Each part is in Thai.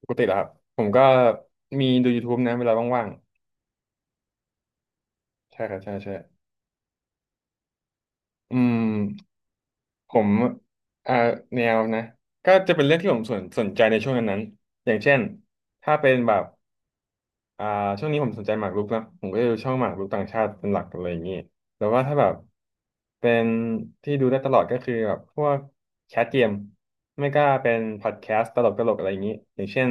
ปกติเหรอครับผมก็มีดูยูทูบนะเวลาว่างๆใช่ครับใช่ใช่อืมผมอ่าแนวนะก็จะเป็นเรื่องที่ผมสนใจในช่วงนั้นๆอย่างเช่นถ้าเป็นแบบ อ่าช่วงนี้ผมสนใจหมากรุกนะผมก็จะดูช่องหมากรุกต่างชาติเป็นหลักอะไรอย่างนี้แต่ว่าถ้าแบบเป็นที่ดูได้ตลอดก็คือแบบพวกแคสเกมไม่ก็เป็นพอดแคสต์ตลกตลกอะไรอย่างนี้อย่างเช่น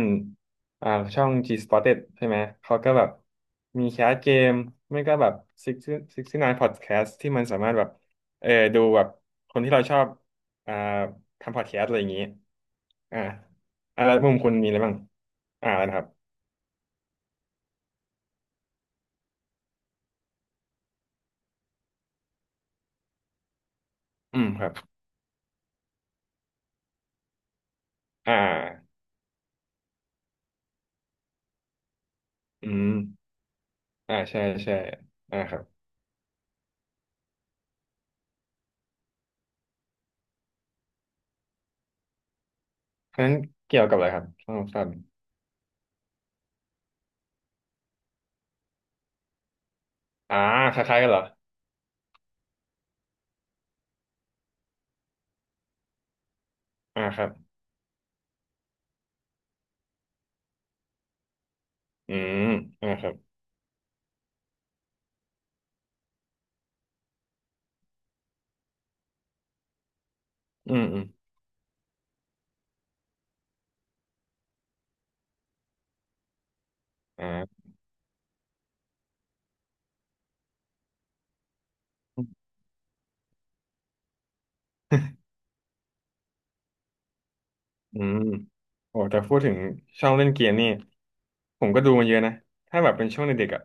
อ่าช่อง G Spotted ใช่ไหมเขาก็แบบมีแคสเกมไม่ก็แบบ6 69 Podcast ที่มันสามารถแบบเออดูแบบคนที่เราชอบอ่าทำพอดแคสต์อะไรอย่างนี้อ่าอ่าแล้วมุมคุณมีอะไรบ้างอ่าอะไรนะครับอืมครับ อ่าอืมอ่าใช่ใช่อ่าครับเพราะฉะนั้นเกี่ยวกับอะไรครับช่องลมสั้นอ่าคล้ายๆกันเหรออ่าครับอืมอ่าครับอืมอืมอ่าอืมโอ้แต่พูดถึงช่องเล่นเกมนี่ผมก็ดูมาเยอะนะ ถ้าแบบเป็นช่วงเด็กๆอ่ะ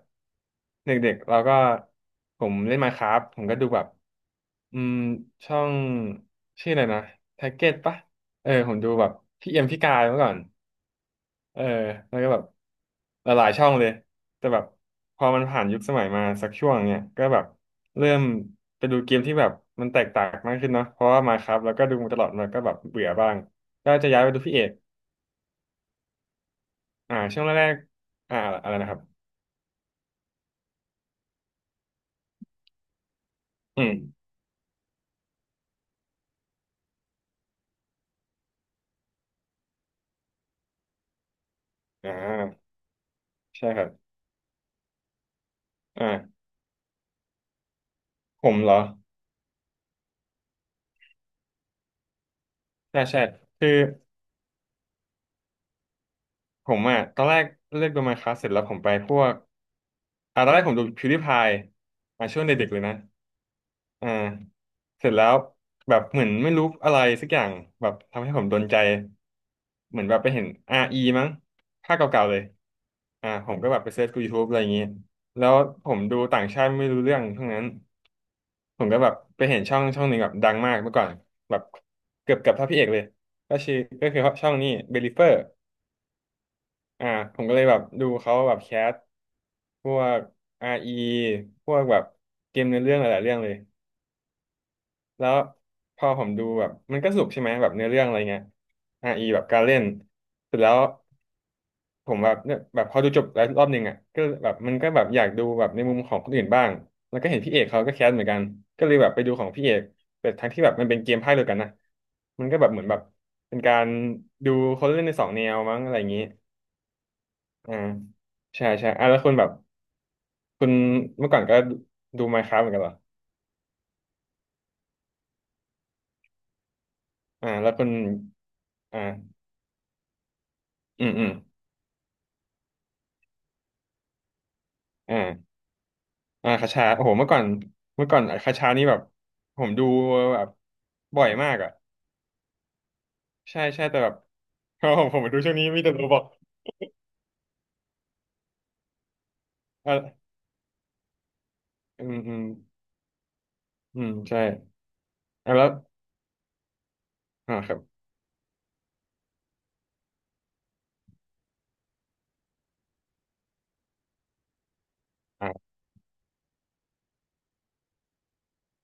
เด็กๆเราก็ผมเล่น Minecraft ผมก็ดูแบบอืมช่องชื่ออะไรนะแท็กเก็ตปะเออผมดูแบบพี่เอ็มพี่กายเมื่อก่อน เออแล้วก็แบบหลายๆช่องเลย แต่แบบพอมันผ่านยุคสมัยมาสักช่วงเนี้ยก็แบบเริ่มไปดูเกมที่แบบมันแตกต่างมากขึ้นเนาะเพราะว่ามาครับ แล้วก็ดูมาตลอดมันก็แบบเบื่อบ้าง ก็จะย้ายไปดูพี่เอก อ่าช่วงแรกๆอ่าอะไรนะครับ อืมอ่าใช่ครับ อ่าผมเหรอ ใช่ใช่คือ ผมอ่ะตอนแรกเลือกโดูมาค e c เสร็จแล้วผมไปพวกตอนแรกผมดู PewDiePie ช่วงเด็กๆเลยนะอ่าเสร็จแล้วแบบเหมือนไม่รู้อะไรสักอย่างแบบทำให้ผมโดนใจเหมือนแบบไปเห็น RE มั้งภาคเก่าๆเลยผมก็แบบไปเซิร์ชกู YouTube อะไรอย่างงี้แล้วผมดูต่างชาติไม่รู้เรื่องทั้งนั้นผมก็แบบไปเห็นช่องหนึ่งแบบดังมากเมื่อก่อนแบบเกือบเท่าพี่เอกเลยชื่อก็คือช่องนี้เบลิเฟอร์ อ่าผมก็เลยแบบดูเขาแบบแคสพวก r ีพวกแบบเกมเนื้อเรื่องหลายๆเรื่องเลยแล้วพอผมดูแบบมันก็สนุกใช่ไหมแบบเนื้อเรื่องอะไรเงี้ย r ีแบบการเล่นเสร็จแล้วผมแบบเนี่ยแบบพอดูจบแล้วรอบหนึ่งอ่ะก็แบบมันก็แบบอยากดูแบบในมุมของคนอื่นบ้างแล้วก็เห็นพี่เอกเขาก็แคสเหมือนกันก็เลยแบบไปดูของพี่เอกแต่ทั้งที่แบบมันเป็นเกมภาคเดียวกันนะมันก็แบบเหมือนแบบเป็นการดูคนเล่นในสองแนวมั้งอะไรอย่างนี้อ่าใช่ใช่อ่ะแล้วคุณแบบ คุณเมื่อก่อนก็ดู Minecraft เหมือนกันเหรออ่าแล้วคุณอ่าอืมอืมอ่าอ่าคาชาโอ้โหเมื่อก่อนคาชานี่แบบผมดูแบบบ่อยมากอ่ะใช่ใช่แต่แบบ โอ้โหผมดูช่วงนี้มีแต่ตัวบอกอ่าอืมอืมอืมใช่อ่ะแล้วอ่าครับอ่า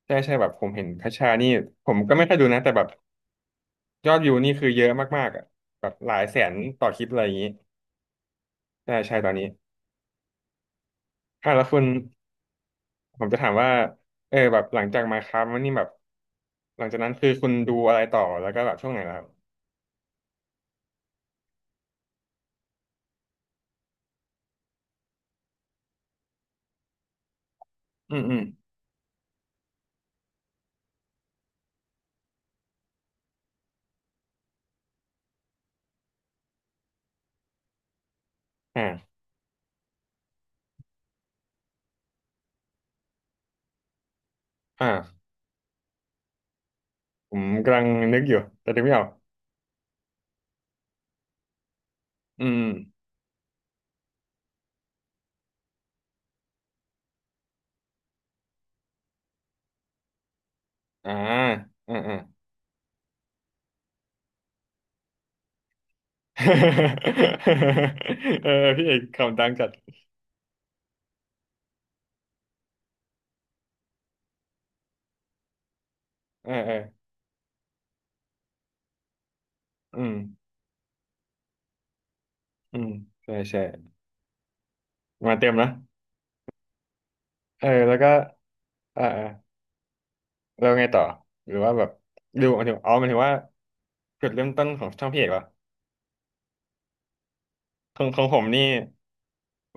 ใช่ใช่แบบผมเห็นคาชานี่ผมก็ไม่ค่อยดูนะแต่แบบยอดวิวนี่คือเยอะมากๆอ่ะแบบหลายแสนต่อคลิปอะไรอย่างงี้ใช่ใช่ตอนนี้อ่ะแล้วคุณ ผมจะถามว่าเออแบบหลังจาก Minecraft มาครับวันนี้แบบหลังจากนั้นคือคุณดูอะไรต่อแล้วก็แบบช่วงไหนแล้วครับอืมอืมอ่าอ่าผมกำลังนึกอยู่แต่นึกไม่ออกอืมอืมอ่าอ่าอ่า เออพี่เอกคำดังจัดเออเอออืมอืมใช่ใช่มาเต็มนะเออแล้วก็เอ่าอ่าแล้วไงต่อหรือว่าแบบดูหมายถึงอ๋อหมายถึงว่าจุดเริ่มต้นของช่องพี่เอกเหรอ ของของผมนี่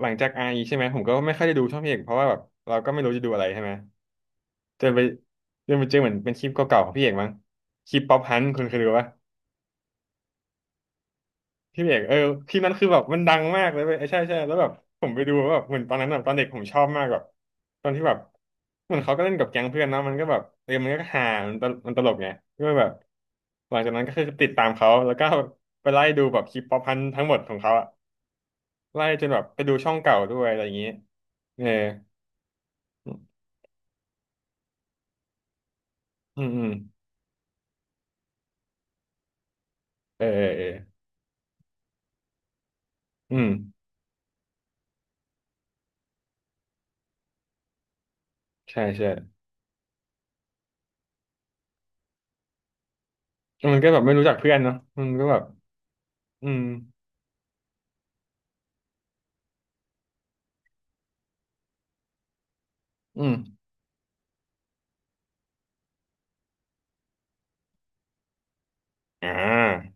หลังจากไอใช่ไหมผมก็ไม่ค่อยได้ดูช่องพี่เอกเพราะว่าแบบเราก็ไม่รู้จะดูอะไรใช่ไหมจนไปจนไปเจอเหมือนเป็นคลิปเก่าๆของพี่เอกมั้งคลิปป๊อปฮันคุณเคยดูปะพี่เอกเออคลิปนั้นคือแบบมันดังมากเลยเว้ยเออใช่ใช่แล้วแบบผมไปดูแล้วแบบเหมือนตอนนั้นแบบตอนเด็กผมชอบมากแบบตอนที่แบบเหมือนเขาก็เล่นกับแก๊งเพื่อนเนาะมันก็แบบเออมันก็ฮามันตลกไงก็แบบหลังจากนั้นก็คือติดตามเขาแล้วก็ไปไล่ดูแบบคลิปป๊อปฮันทั้งหมดของเขาอะไล่จนแบบไปดูช่องเก่าด้วยอะไรอย่างงี้เออ อืมอืมเออเออเอออืมใช่ใช่มันก็แบบไม่รู้จักเพื่อนเนาะมันก็แบบอืมอืมอ่า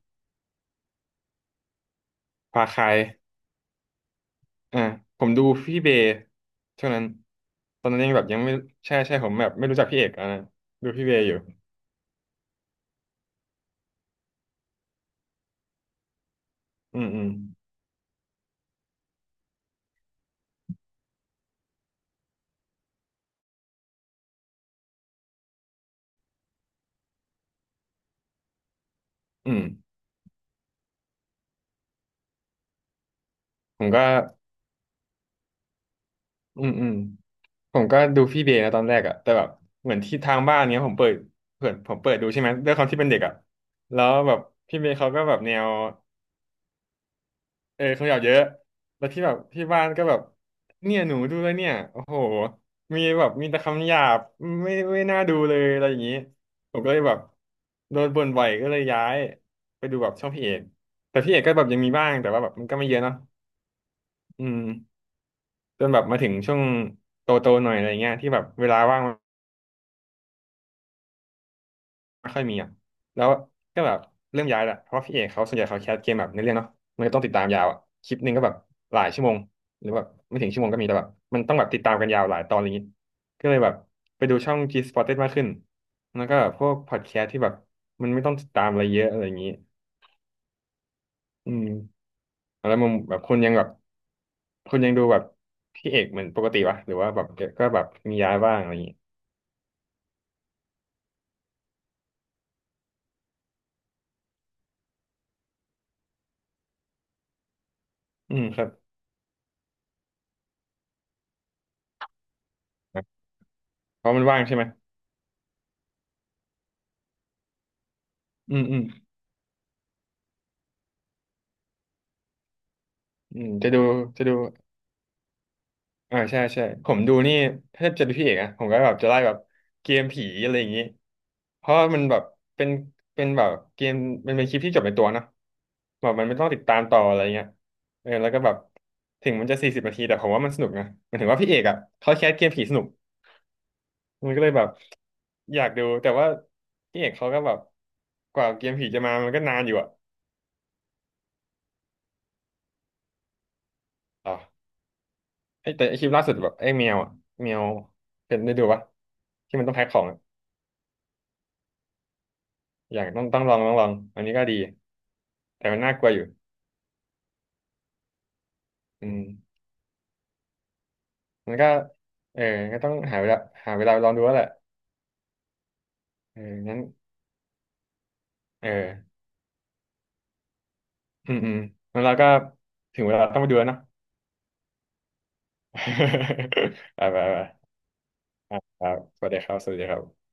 พาใครอ่าผมดูพี่เบย์ช่วงนั้นตอนนั้นยังแบบยังไม่ใช่ใช่ผมแบบไม่รู้จักพี่เอกอ่ะนะดูพี่เบย์อยู่อืมอืมอืมผมก็อืมอืมผมก็ดูพี่เบย์นะตอนแรกอะแต่แบบเหมือนที่ทางบ้านเนี้ยผมเปิดผมเปิดดูใช่ไหมด้วยความที่เป็นเด็กอะแล้วแบบพี่เบย์เขาก็แบบแนว เออขยับเยอะแล้วที่แบบที่บ้านก็แบบเนี่ยหนูดูแล้วเนี่ยโอ้โหมีแบบมีแต่คำหยาบไม่น่าดูเลยอะไรอย่างนี้ผมก็เลยแบบโดนบ่นบ่อยก็เลยย้ายไปดูแบบช่องพี่เอกแต่พี่เอกก็แบบยังมีบ้างแต่ว่าแบบมันก็ไม่เยอะเนาะอืมจนแบบมาถึงช่วงโตๆหน่อยอะไรเงี้ยที่แบบเวลาว่าง ไม่ค่อยมีอ่ะแล้วก็แบบเริ่มย้ายแหละเพราะว่าพี่เอกเขาส่วนใหญ่เขาแคสเกมแบบในเรื่องเนาะมันก็ต้องติดตามยาวอ่ะคลิปหนึ่งก็แบบหลายชั่วโมงหรือแบบไม่ถึงชั่วโมงก็มีแต่แบบมันต้องแบบติดตามกันยาวหลายตอนอะไรอย่างงี้ก็เลยแบบไปดูช่อง G Sported มากขึ้นแล้วก็แบบพวกพอดแคสต์ที่แบบมันไม่ต้องติดตามอะไรเยอะอะไรอย่างงี้อืมแล้วมึงแบบคุณยังแบบคุณยังดูแบบพี่เอกเหมือนปกติวะหรือว่าแบบก็แบบมีย้ายบ้างอะไรอย่างงี้อืมครับเพราะมันว่างใช่ไหมอืมอืมอืมจะดูจะดู ใช่ใช่ผมดูนี่ถ้าจะดูพี่เอกอะผมก็แบบจะไล่แบบเกมผีอะไรอย่างนี้เพราะว่ามันแบบเป็นแบบเกมมันเป็นคลิปที่จบในตัวเนอะแบบมันไม่ต้องติดตามต่ออะไรเงี้ยเออแล้วก็แบบถึงมันจะ40 นาทีแต่ผมว่ามันสนุกนะหมายถึงว่าพี่เอกอะเขาแคสเกมผีสนุกมันก็เลยแบบอยากดูแต่ว่าพี่เอกเขาก็แบบกว่าเกมผีจะมามันก็นานอยู่อะอ๋อไอ้แต่ไอ้คลิปล่าสุดแบบไอ้แมวอะแมวเป็นได้ดูปะที่มันต้องแพ็คของอะ อยากต้องลองอันนี้ก็ดีแต่มันน่ากลัวอยู่อืมมันก็เออก็ต้องหาเวลาหาเวลาลองดูแล้วแหละเอองั้นเอออืมอืมงั้นเราก็ถึงเวลาต้องไปดูแล้วเนาะ ไปไปไปอ่ะครับสวัสดีครับสวัสดีครับ